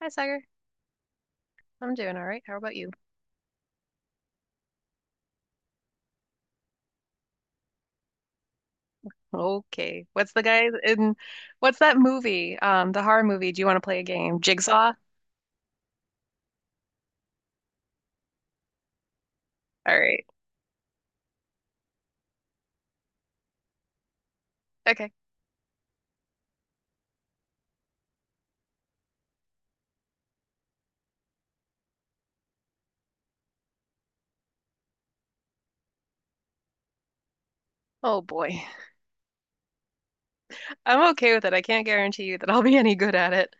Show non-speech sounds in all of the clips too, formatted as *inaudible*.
Hi, Sagar. I'm doing all right. How about you? Okay. What's that movie? The horror movie. Do you want to play a game? Jigsaw? All right. Okay. Oh boy. *laughs* I'm okay with it. I can't guarantee you that I'll be any good at it.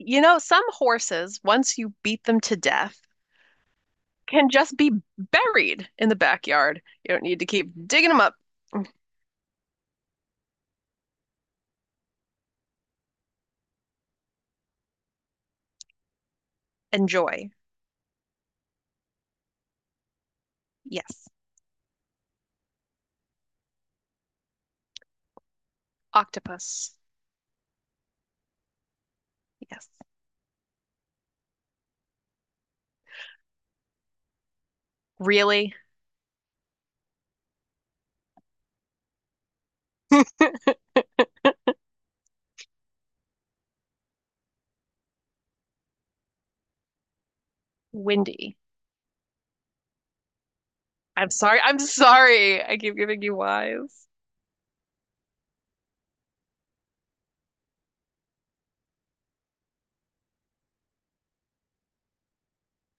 You know, some horses, once you beat them to death, can just be buried in the backyard. You don't need to keep digging them up. Enjoy. Yes. Octopus. Yes. Really? *laughs* Windy. I'm sorry. I'm sorry. I keep giving you whys.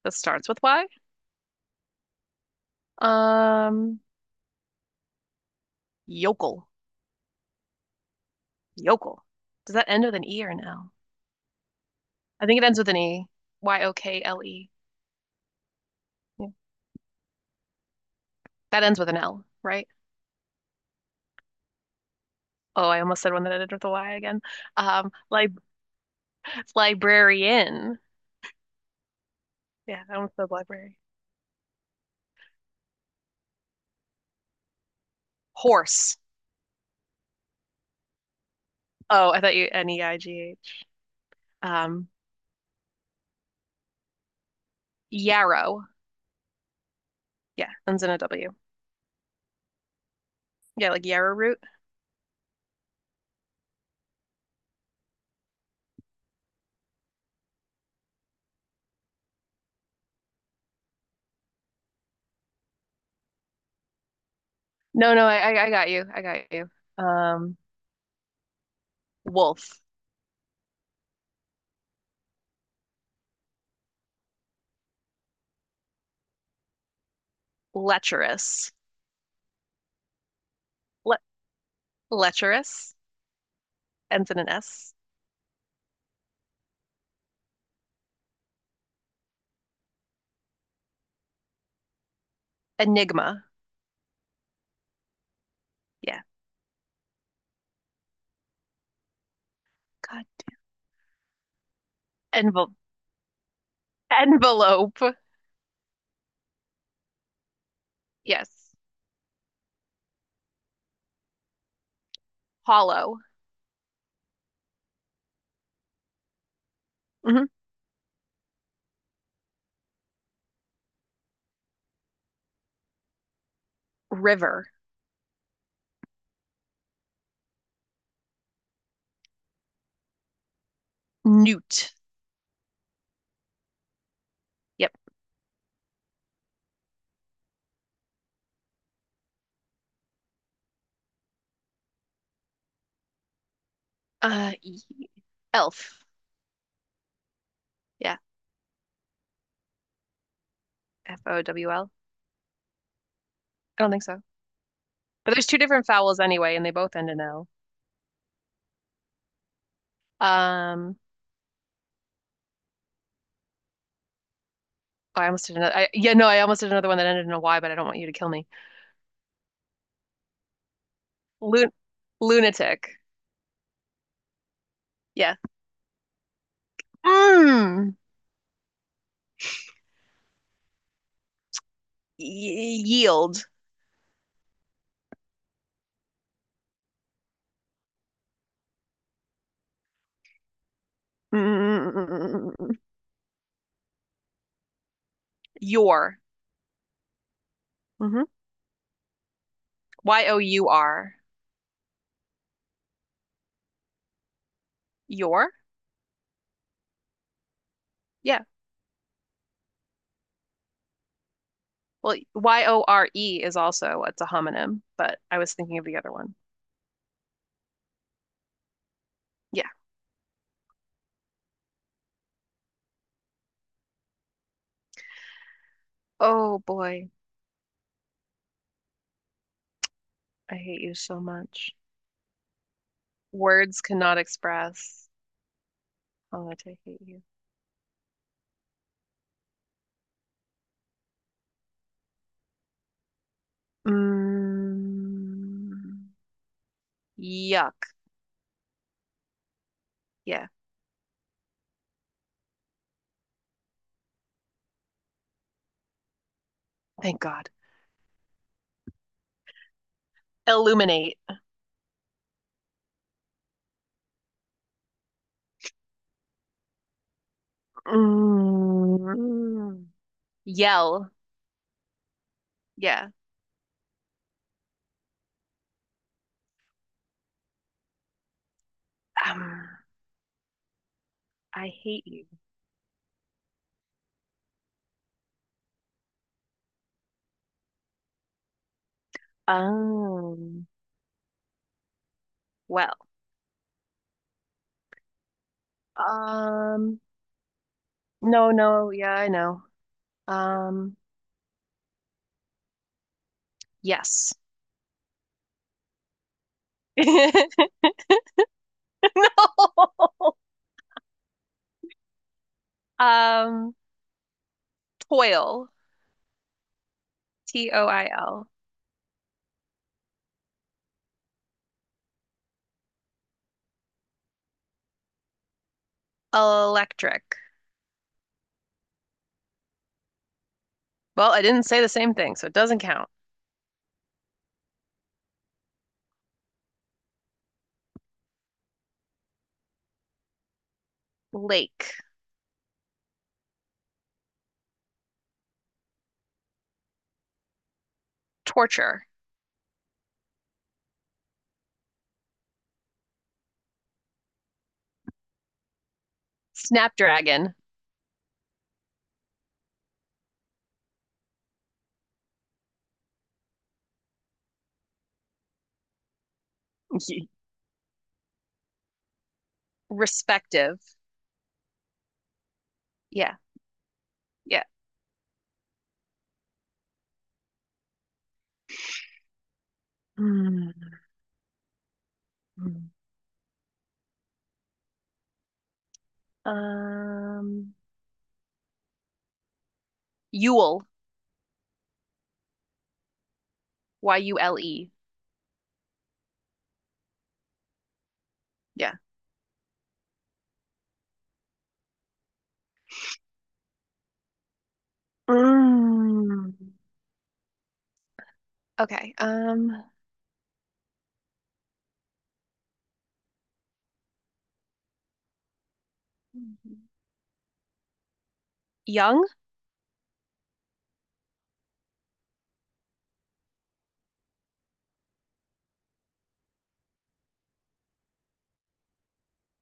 That starts with Y. Um, Yokel. Yokel. Does that end with an E or an L? I think it ends with an E. Yokle. Yeah. That ends with an L, right? Oh, I almost said one that ended with a Y again. Um, lib Librarian. Yeah, I almost said library. Horse. Oh, I thought you Neigh. Um, Yarrow. Yeah, ends in a W. Yeah, like yarrow root. No, no, I got you. I got you. Um, Wolf. Lecherous. Le Lecherous. Ends in an S. Enigma. Yeah. God. Envel- Envelope. Yes. Hollow. hmm River. Newt. Yep. Uh, e- Elf. Yeah. Fowl. I don't think so. But there's two different vowels anyway, and they both end in L. Um, oh, I almost did another. Yeah, no, I almost did another one that ended in a Y, but I don't want you to kill me. Lun. Lunatic. Yeah. Mm. Yield. Mm. Your. hmm Your. Your? Yeah. Well, Yore is also it's a homonym, but I was thinking of the other one. Yeah. Oh boy, I hate you so much. Words cannot express how much I hate you. Mm, yuck. Yeah. Thank God. Illuminate. Mm, yell. Yeah. Um, I hate you. Um, well. Um, no, no. Yeah, I know. Um, yes. *laughs* No. Um, Toil. Toil. Electric. Well, I didn't say the same thing, so it doesn't count. Lake. Torture. Snapdragon. *laughs* Respective. Yeah. Yeah. Mm. Um, Yule. Yule. Yeah. Mm. Okay. Young.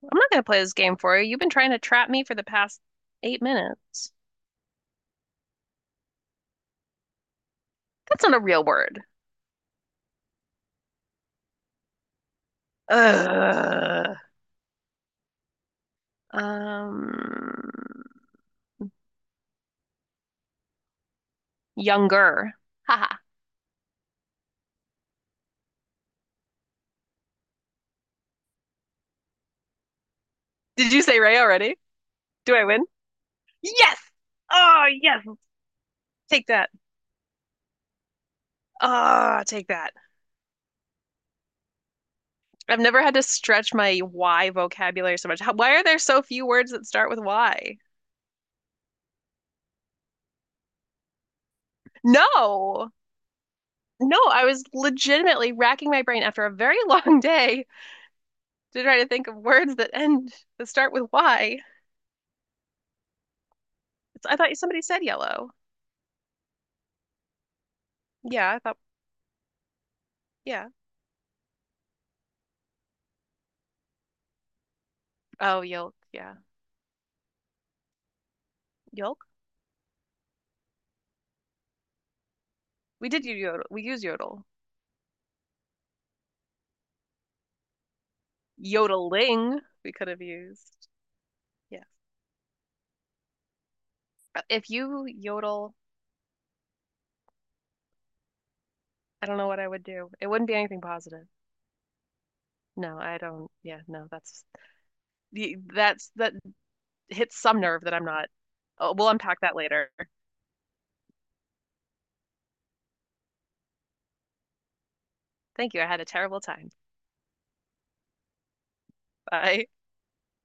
I'm not going to play this game for you. You've been trying to trap me for the past 8 minutes. That's not a real word. Ugh. Um, Younger. Haha. *laughs* Did you say Ray already? Do I win? Yes. Oh, yes. Take that. Oh, take that. I've never had to stretch my Y vocabulary so much. Why are there so few words that start with Y? No. No, I was legitimately racking my brain after a very *laughs* long day to try to think of words that end that start with Y. It's, I thought somebody said yellow. Yeah, I thought yeah. Oh, yolk. Yeah, yolk. We did use yodel. We use yodel. Yodeling. We could have used. Yeah. If you yodel, I don't know what I would do. It wouldn't be anything positive. No, I don't. Yeah, no. That's that hits some nerve that I'm not. Oh, we'll unpack that later. Thank you. I had a terrible time. Bye.